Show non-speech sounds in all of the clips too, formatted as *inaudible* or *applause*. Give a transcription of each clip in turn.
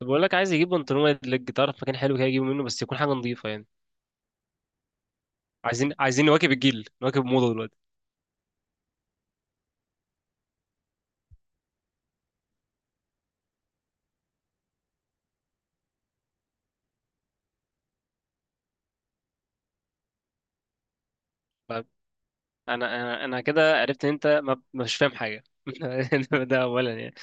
طب بقول لك عايز يجيب بنطلون وايد ليج تعرف مكان حلو كده يجيبه منه بس يكون حاجه نظيفه يعني. عايزين نواكب الجيل نواكب الموضه دلوقتي. فانا انا انا انا كده عرفت ان انت ما مش فاهم حاجه *laughs* ده اولا يعني.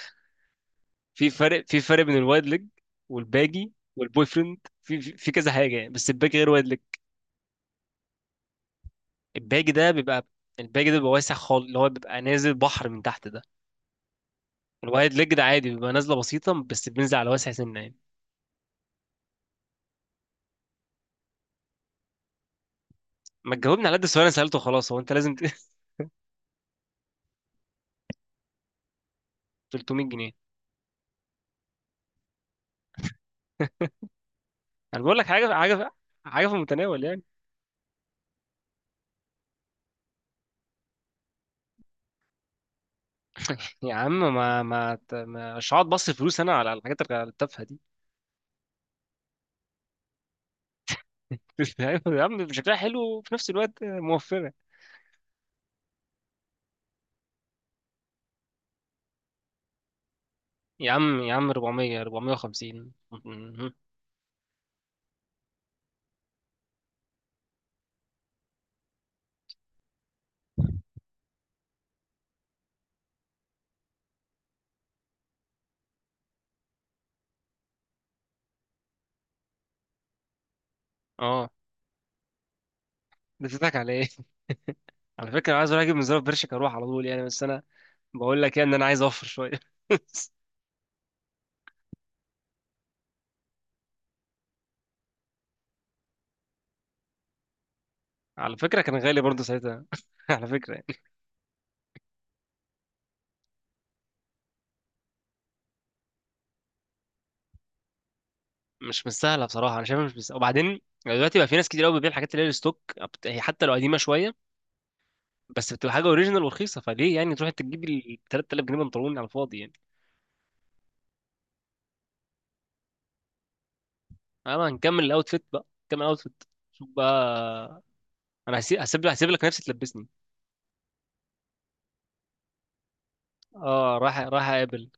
في فرق بين الوايد ليج والباجي والبوي فريند في كذا حاجه يعني بس الباجي غير وايد ليج. الباجي ده بيبقى الباجي ده بيبقى واسع خالص اللي هو بيبقى نازل بحر من تحت ده. الوايد ليج ده عادي بيبقى نازله بسيطه بس بينزل على واسع سنه يعني. ما تجاوبني على قد السؤال اللي انا سالته؟ خلاص هو انت لازم *laughs* 300 جنيه. انا بقول لك حاجه حاجه في المتناول يعني. يا عم ما ما ت- ما- مش هقعد بص فلوس انا على الحاجات التافهه دي *laughs* يا عم شكلها حلو وفي نفس الوقت موفره. يا عم يا عم 400 450 مهم. اه ده بتضحك على ايه؟ *laughs* على فكره أنا عايز اروح اجيب من زرار برشك اروح على طول يعني بس انا بقول لك يعني ان انا عايز اوفر شويه *laughs* على فكره كان غالي برضه ساعتها *laughs* على فكره يعني مش مستاهله بصراحه، انا شايفها مش مستاهله. وبعدين دلوقتي بقى في ناس كتير قوي بتبيع الحاجات اللي هي الستوك هي حتى لو قديمه شويه بس بتبقى حاجه اوريجينال ورخيصه. فليه يعني تروح انت تجيب ال 3000 جنيه بنطلون على الفاضي يعني. انا هنكمل الاوتفيت بقى، نكمل الاوتفيت. شوف بقى، انا هسيب لك نفسي تلبسني. اه راح اقابل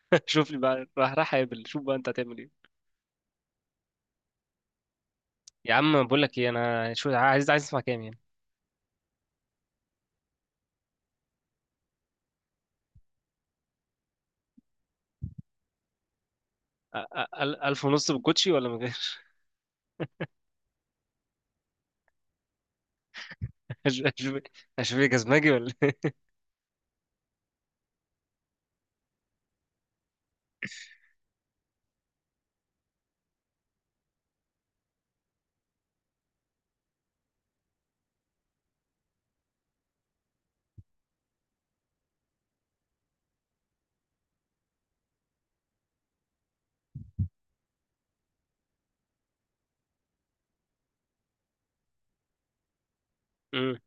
*laughs* شوف لي بقى راح اقابل، شوف بقى انت هتعمل ايه. يا عم بقول لك ايه، انا شو عايز، عايز اسمع كام يعني. 1500 بالكوتشي ولا من غير؟ *laughs* أشوف. أشوف إيه، جزمجي ولا إيه؟ مم.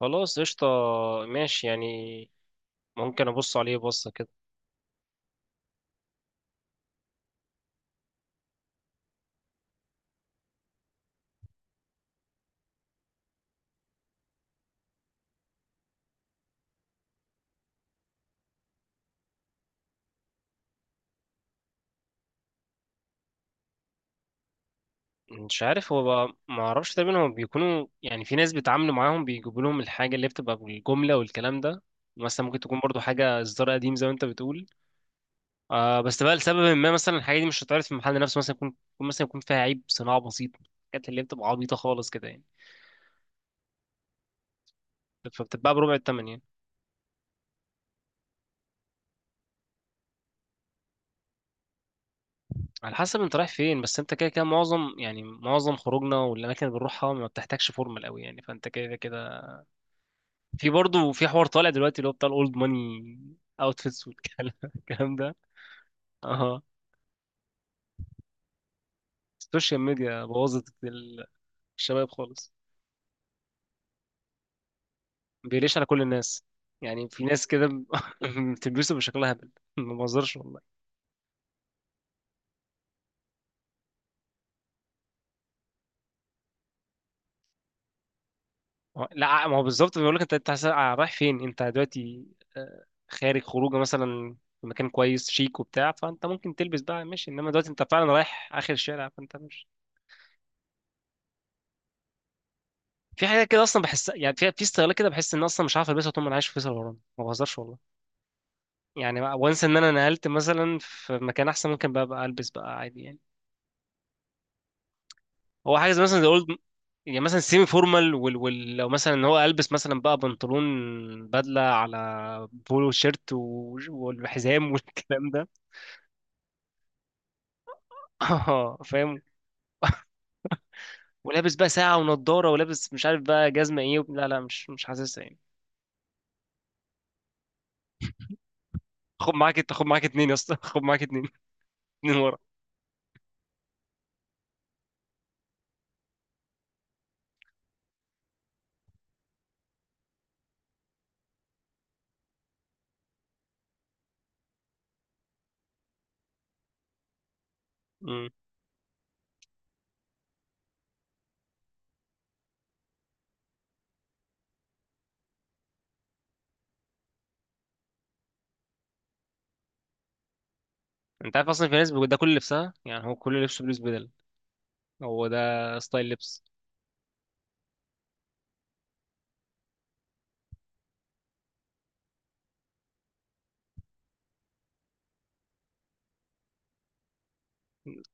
خلاص قشطة، ماشي يعني. ممكن أبص عليه بصة كده. مش عارف هو بقى، ما اعرفش تقريبا هم بيكونوا يعني في ناس بيتعاملوا معاهم بيجيبوا لهم الحاجه اللي بتبقى بالجمله والكلام ده. مثلا ممكن تكون برضو حاجه اصدار قديم زي ما انت بتقول. آه بس بقى لسبب ما، مثلا الحاجه دي مش هتعرف في المحل نفسه، مثلا يكون فيها عيب صناعه بسيط. الحاجات اللي بتبقى عبيطه خالص كده يعني. فبتتباع بربع الثمن يعني. على حسب انت رايح فين، بس انت كده كده معظم يعني معظم خروجنا والاماكن اللي بنروحها ما بتحتاجش فورمال قوي يعني، فانت كده كده. في برضو في حوار طالع دلوقتي اللي هو بتاع الاولد ماني اوتفيتس والكلام *laughs* ده. اها. السوشيال ميديا بوظت الشباب خالص. بيليش على كل الناس، يعني في ناس كده *laughs* بتلبسه بشكلها هبل. ما بهزرش والله. لا، ما هو بالظبط بيقول لك انت انت رايح فين انت دلوقتي. خارج خروجه مثلا في مكان كويس شيك وبتاع، فانت ممكن تلبس بقى ماشي. انما دلوقتي انت فعلا رايح اخر الشارع، فانت مش في حاجه كده اصلا. بحس يعني في استغلال كده، بحس ان اصلا مش عارف البسها طول ما انا عايش في فيصل. الغرام ما بهزرش والله يعني. وانسى ان انا نقلت مثلا في مكان احسن، ممكن بقى بقى البس بقى عادي يعني. هو حاجه زي مثلا زي اولد. يعني مثلا سيمي فورمال لو مثلا ان هو البس مثلا بقى بنطلون بدله على بولو شيرت والحزام والكلام ده *laughs* اه فاهم. ولابس بقى ساعه ونضاره، ولابس مش عارف بقى جزمه ايه لا لا مش مش حاسسها يعني. خد معاك اتنين يا اسطى *laughs* خد معاك اتنين. اتنين ورا. امم. انت عارف اصلا في ناس بيبقى ده كل لبسها، يعني هو كل لبسه بلوز بدل. هو ده ستايل لبس.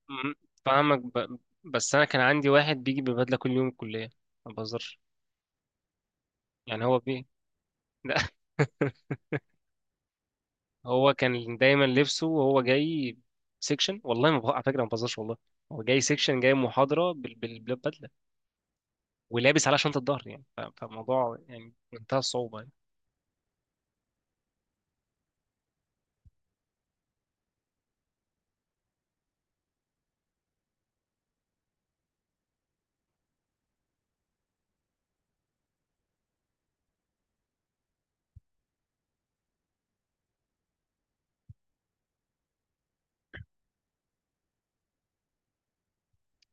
مم. فاهمك بس انا كان عندي واحد بيجي ببدله كل يوم الكليه. ما بهزرش، يعني هو بي *laughs* لا هو كان دايما لبسه وهو جاي سيكشن. والله ما بهزر على فكره، ما بهزرش والله. هو جاي سيكشن، جاي محاضره بالبدله. ولابس على شنطه ظهر يعني فالموضوع يعني منتهى الصعوبه يعني.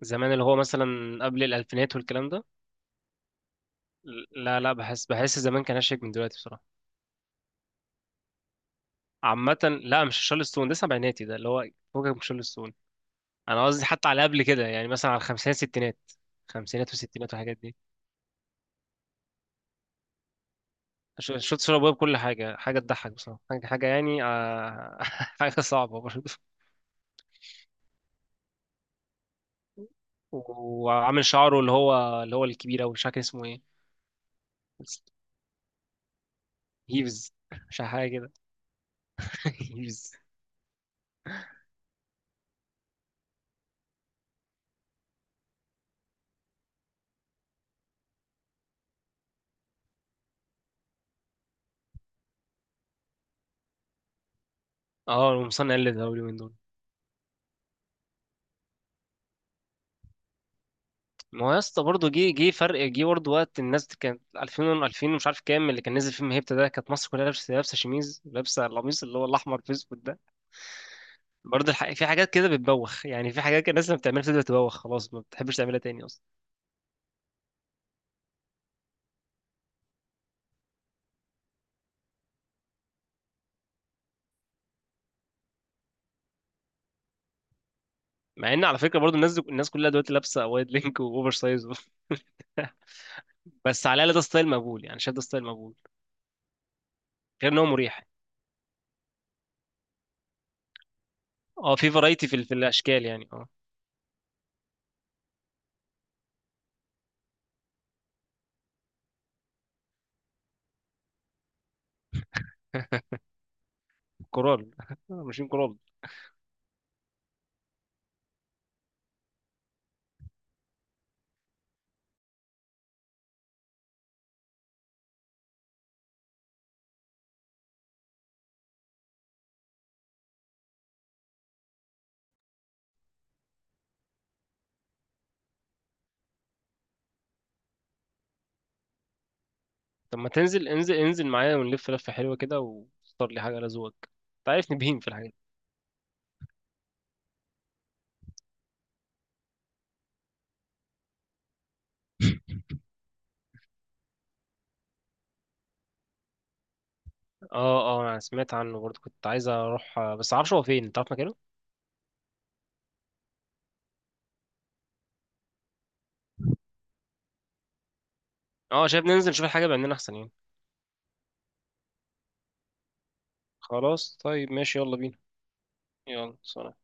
زمان اللي هو مثلا قبل الالفينات والكلام ده. لا لا بحس زمان كان اشيك من دلوقتي بصراحه. عامه لا، مش شارل ستون، ده سبعيناتي ده اللي هو فوقك من شارل ستون. انا قصدي حتى على قبل كده يعني مثلا على الخمسينات ستينات. خمسينات وستينات والحاجات دي. شوت شرب ويب كل حاجة، حاجة تضحك بصراحة، حاجة يعني *laughs* حاجة صعبة برضه. وعامل شعره اللي هو الكبير أوي مش فاكر اسمه ايه. هيفز. مش عارف حاجة كده *laughs* هيفز. اه المصنع قلد أوي اليومين دول. ما هو يا اسطى برضه جه برضه. وقت الناس كانت 2000 2000 ومش عارف كام، اللي كان نزل فيلم هيبتا ده، كانت مصر كلها لابسة شميز، لابسة القميص اللي هو الأحمر في أسود ده. برضه في حاجات كده بتبوخ، يعني في حاجات كده الناس لما بتعملها بتبدأ تبوخ خلاص ما بتحبش تعملها تاني أصلا. مع ان على فكره برضو الناس كلها دلوقتي لابسه وايد لينك واوفر سايز *laughs* بس على الاقل ده ستايل مقبول، يعني شايف ده ستايل مقبول غير ان هو مريح. اه في فرايتي في في الاشكال يعني، اه. كورال *laughs* ماشيين كورال. طب ما تنزل، انزل معايا ونلف لفه حلوه كده واختار لي حاجه على ذوقك. انت عارفني بهيم في الحاجات دي *laughs* اه اه، انا سمعت عنه برضو، كنت عايز اروح بس معرفش هو فين. انت عارف مكانه؟ اه شايف ننزل نشوف الحاجه بعيننا احسن يعني. خلاص طيب ماشي يلا بينا. يلا سلام.